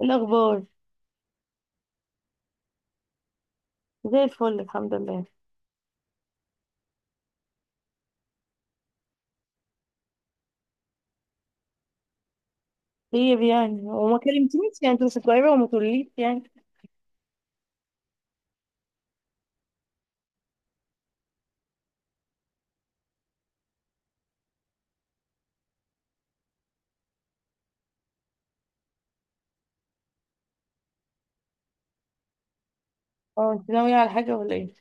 إيه الأخبار؟ زي الفل الحمد لله. طيب هو ما كلمتنيش، انت مش قريبة وما تقوليش. اه انت ناوية على حاجة ولا ايه؟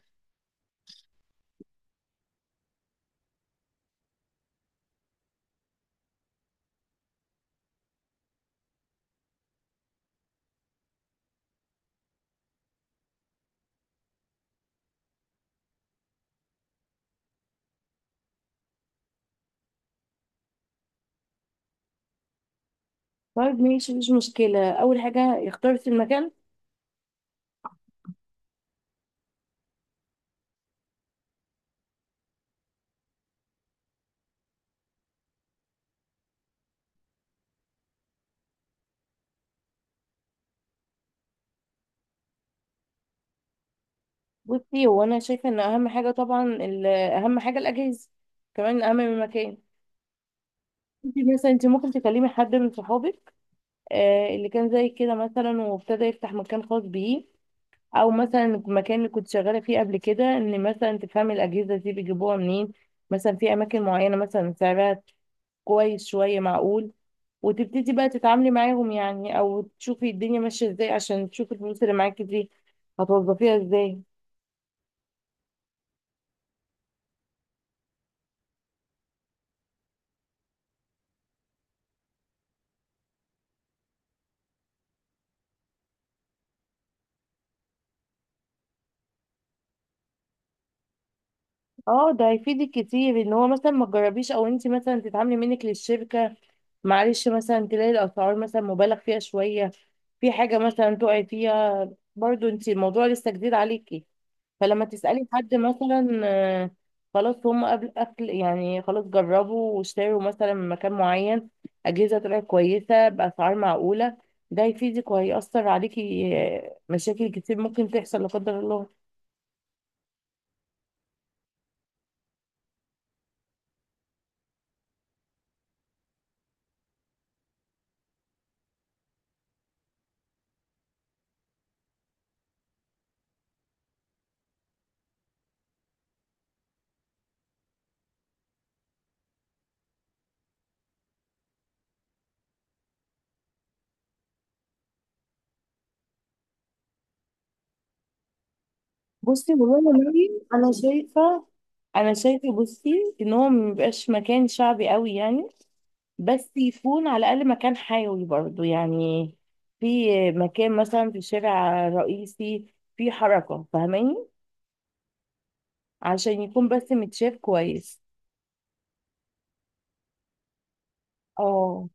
طيب ماشي، مفيش مشكلة. أول حاجة، اخترت المكان؟ بصي، هو أنا شايفة إن أهم حاجة طبعا أهم حاجة الأجهزة، كمان أهم من المكان. انت مثلا، ممكن تكلمي حد من صحابك، آه اللي كان زي كده مثلا وابتدى يفتح مكان خاص بيه، أو مثلا المكان اللي كنت شغالة فيه قبل كده، إن مثلا تفهمي الأجهزة دي بيجيبوها منين، مثلا في أماكن معينة مثلا سعرها كويس شوية معقول، وتبتدي بقى تتعاملي معاهم، او تشوفي الدنيا ماشية ازاي عشان تشوفي الفلوس اللي معاكي دي هتوظفيها ازاي. اه ده هيفيدك كتير، ان هو مثلا ما تجربيش او انت مثلا تتعاملي منك للشركة. معلش، مثلا تلاقي الاسعار مثلا مبالغ فيها شوية، في حاجة مثلا تقعي فيها، برضو انت الموضوع لسه جديد عليكي. فلما تسألي حد مثلا، خلاص هم قبل أكل، خلاص جربوا واشتروا مثلا من مكان معين، أجهزة طلعت كويسة بأسعار معقولة، ده هيفيدك وهيأثر عليكي. مشاكل كتير ممكن تحصل لا قدر الله. بصي والله يا مريم، أنا شايفة، أنا شايفة بصي إن هو ميبقاش مكان شعبي قوي يعني، بس يكون على الأقل مكان حيوي برضو يعني. في مكان مثلا في شارع رئيسي، في حركة، فاهماني؟ عشان يكون بس متشاف كويس. اه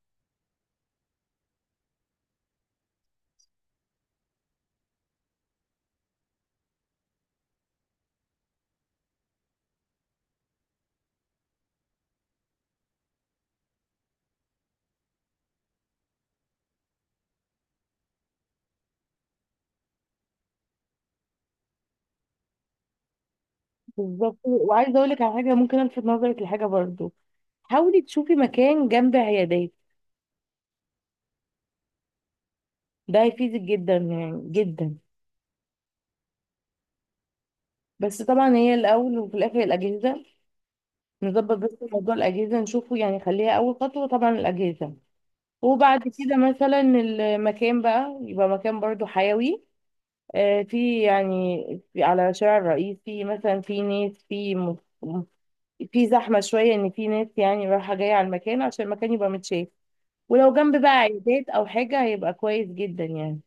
بالظبط. وعايزه اقول لك على حاجه، ممكن الفت نظرك لحاجه برضو، حاولي تشوفي مكان جنب عيادات. ده هيفيدك جدا يعني، جدا. بس طبعا هي الاول وفي الاخر الاجهزه، نظبط بس موضوع الاجهزه نشوفه، يعني خليها اول خطوه طبعا الاجهزه. وبعد كده مثلا المكان بقى يبقى مكان برضو حيوي، في يعني، في على شارع الرئيس، في مثلا في ناس م- في زحمة شوية، إن في ناس يعني رايحة جاية على المكان عشان المكان يبقى متشاف. ولو جنب بقى عيادات أو حاجة هيبقى كويس جدا يعني.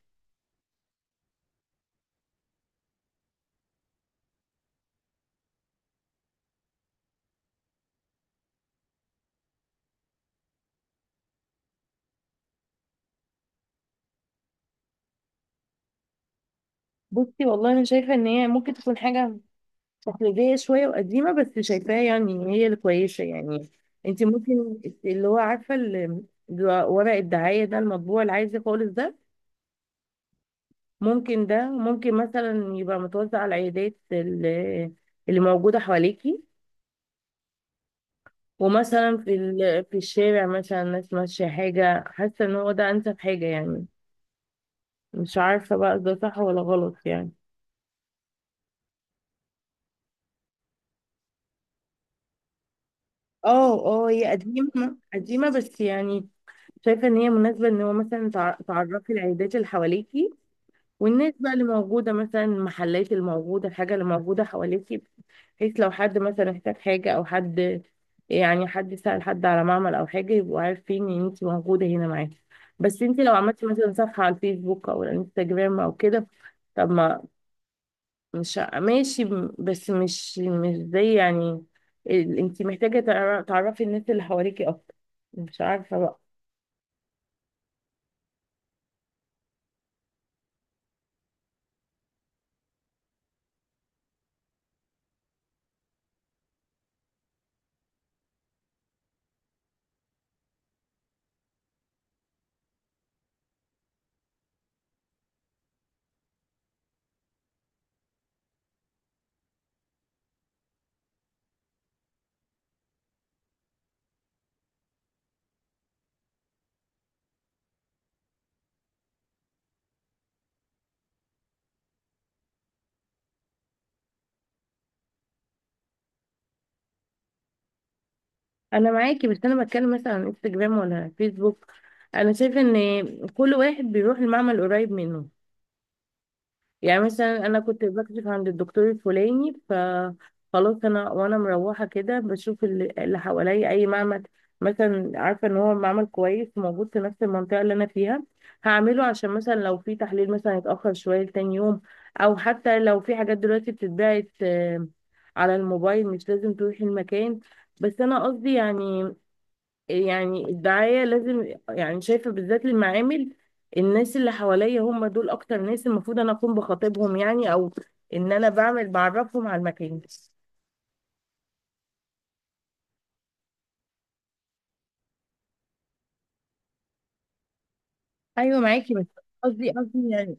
بصي والله أنا شايفة إن هي ممكن تكون حاجة تقليدية شوية وقديمة، بس شايفاها يعني إن هي الكويسة يعني. أنت ممكن اللي هو، عارفة اللي ورق الدعاية ده، المطبوع العادي خالص ده، ممكن مثلا يبقى متوزع على العيادات اللي موجودة حواليكي، ومثلا في في الشارع مثلا ناس ماشية حاجة، حاسة ان هو ده انسب حاجة يعني. مش عارفة بقى ده صح ولا غلط يعني. اه اه، هي قديمة قديمة بس يعني، شايفة ان هي مناسبة، ان هو مثلا تعرفي العيادات اللي حواليكي، والناس بقى اللي موجودة، مثلا المحلات اللي موجودة، الحاجة اللي موجودة حواليكي، بحيث لو حد مثلا احتاج حاجة أو حد، يعني حد سأل حد على معمل أو حاجة، يبقوا عارفين إن انتي موجودة هنا معاكي. بس انتي لو عملتي مثلا صفحة على الفيسبوك أو الانستجرام أو كده، طب ما، مش ع- ماشي بس مش زي يعني انتي محتاجة تعرفي الناس اللي حواليكي أكتر. مش عارفة بقى. انا معاكي بس انا بتكلم مثلا عن انستجرام ولا فيسبوك، انا شايفه ان كل واحد بيروح المعمل قريب منه. يعني مثلا انا كنت بكشف عند الدكتور الفلاني، ف خلاص انا وانا مروحه كده بشوف اللي حواليا اي معمل، مثلا عارفه ان هو معمل كويس موجود في نفس المنطقه اللي انا فيها، هعمله عشان مثلا لو في تحليل مثلا يتاخر شويه لتاني يوم، او حتى لو في حاجات دلوقتي بتتباعت، على الموبايل مش لازم تروحي المكان. بس انا قصدي يعني، يعني الدعاية لازم، يعني شايفة بالذات المعامل، الناس اللي حواليا هم دول أكتر ناس المفروض أنا أكون بخاطبهم، يعني أو إن أنا بعمل بعرفهم على المكان. أيوة معاكي، بس قصدي قصدي يعني.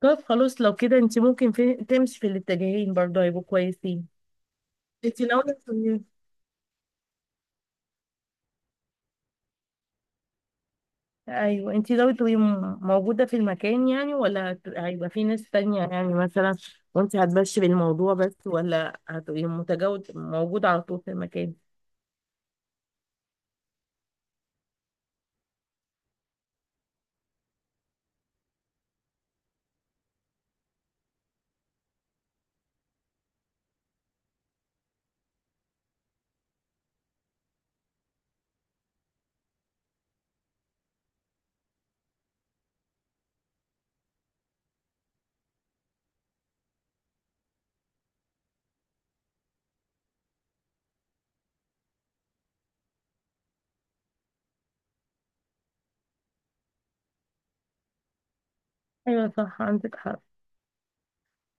طب خلاص لو كده أنت ممكن تمشي في الاتجاهين برضه، هيبقوا كويسين. أنت ناوية تبقي- أيوة، أنت ناوية تبقي موجودة في المكان يعني، ولا هيبقى في ناس تانية يعني مثلا، وأنت هتمشي بالموضوع بس، ولا هتبقي متجاوز موجودة على طول في المكان؟ ايوه صح، عندك حق.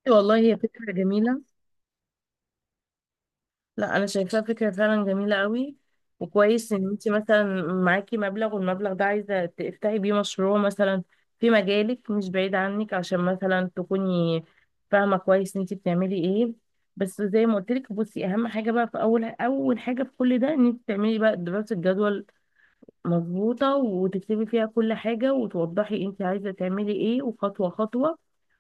والله هي فكرة جميلة. لا انا شايفاها فكرة فعلا جميلة قوي. وكويس ان انت مثلا معاكي مبلغ، والمبلغ ده عايزة تفتحي بيه مشروع مثلا في مجالك، مش بعيد عنك، عشان مثلا تكوني فاهمة كويس انت بتعملي ايه. بس زي ما قلت لك، بصي، اهم حاجة بقى في اول، اول حاجة في كل ده ان انت تعملي بقى دراسة جدوى مظبوطة، وتكتبي فيها كل حاجة، وتوضحي انت عايزة تعملي ايه، وخطوة خطوة،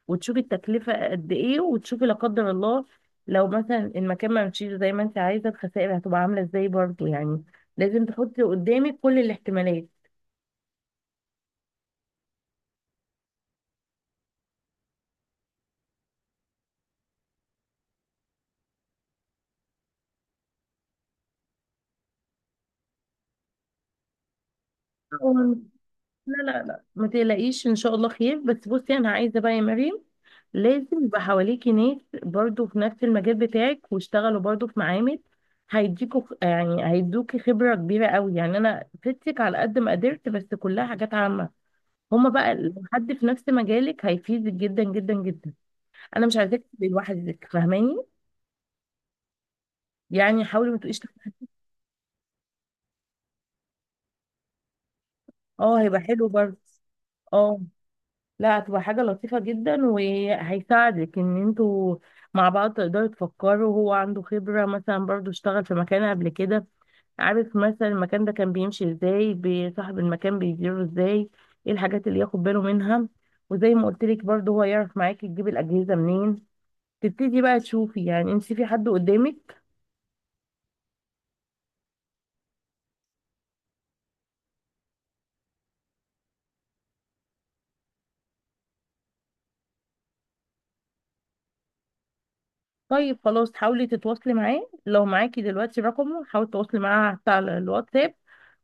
وتشوفي التكلفة قد ايه، وتشوفي لا قدر الله لو مثلا المكان ما مشيش زي ما انت عايزة، الخسائر هتبقى عاملة ازاي برضو يعني. لازم تحطي قدامك كل الاحتمالات. لا لا لا، ما تقلقيش ان شاء الله خير. بس بصي انا عايزه بقى يا مريم، لازم يبقى حواليكي ناس برضو في نفس المجال بتاعك، واشتغلوا برضو في معامل، هيديكوا يعني هيدوكي خبره كبيره قوي. يعني انا فدتك على قد ما قدرت، بس كلها حاجات عامه، هما بقى لو حد في نفس مجالك هيفيدك جدا جدا جدا. انا مش عايزاك تبقي لوحدك، فاهماني؟ يعني حاولي ما تبقيش. اه هيبقى حلو برضه. اه لا، هتبقى حاجة لطيفة جدا، وهيساعدك ان انتوا مع بعض تقدروا تفكروا، هو عنده خبرة مثلا برضو، اشتغل في مكان قبل كده، عارف مثلا المكان ده كان بيمشي ازاي، بصاحب المكان بيديره ازاي، ايه الحاجات اللي ياخد باله منها، وزي ما قلت لك برضو هو يعرف معاكي تجيب الأجهزة منين، تبتدي بقى تشوفي يعني انت في حد قدامك. طيب خلاص، حاولي تتواصلي معاه، لو معاكي دلوقتي رقمه حاولي تتواصلي معاه حتى على الواتساب،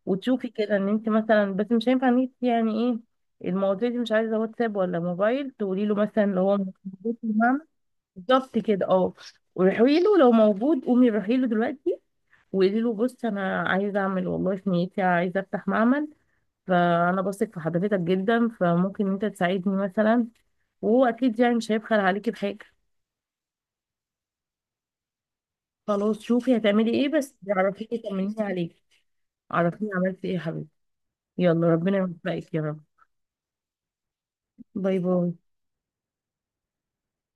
وتشوفي كده ان انت مثلا، بس مش هينفع ان انت يعني ايه، المواضيع دي مش عايزه واتساب ولا موبايل، تقولي له مثلا لو هو موجود في المعنى. بالظبط كده اه. وروحي له، لو موجود قومي روحي له دلوقتي، وقولي له بص، انا عايزه اعمل والله في نيتي عايزه افتح معمل، فانا بثق في حضرتك جدا، فممكن انت تساعدني مثلا، وهو اكيد يعني مش هيبخل عليكي بحاجه. خلاص، شوفي هتعملي ايه بس عرفيني، طمنيني عليك، عرفيني عملتي ايه يا حبيبتي. يلا ربنا يوفقك يا رب. باي باي.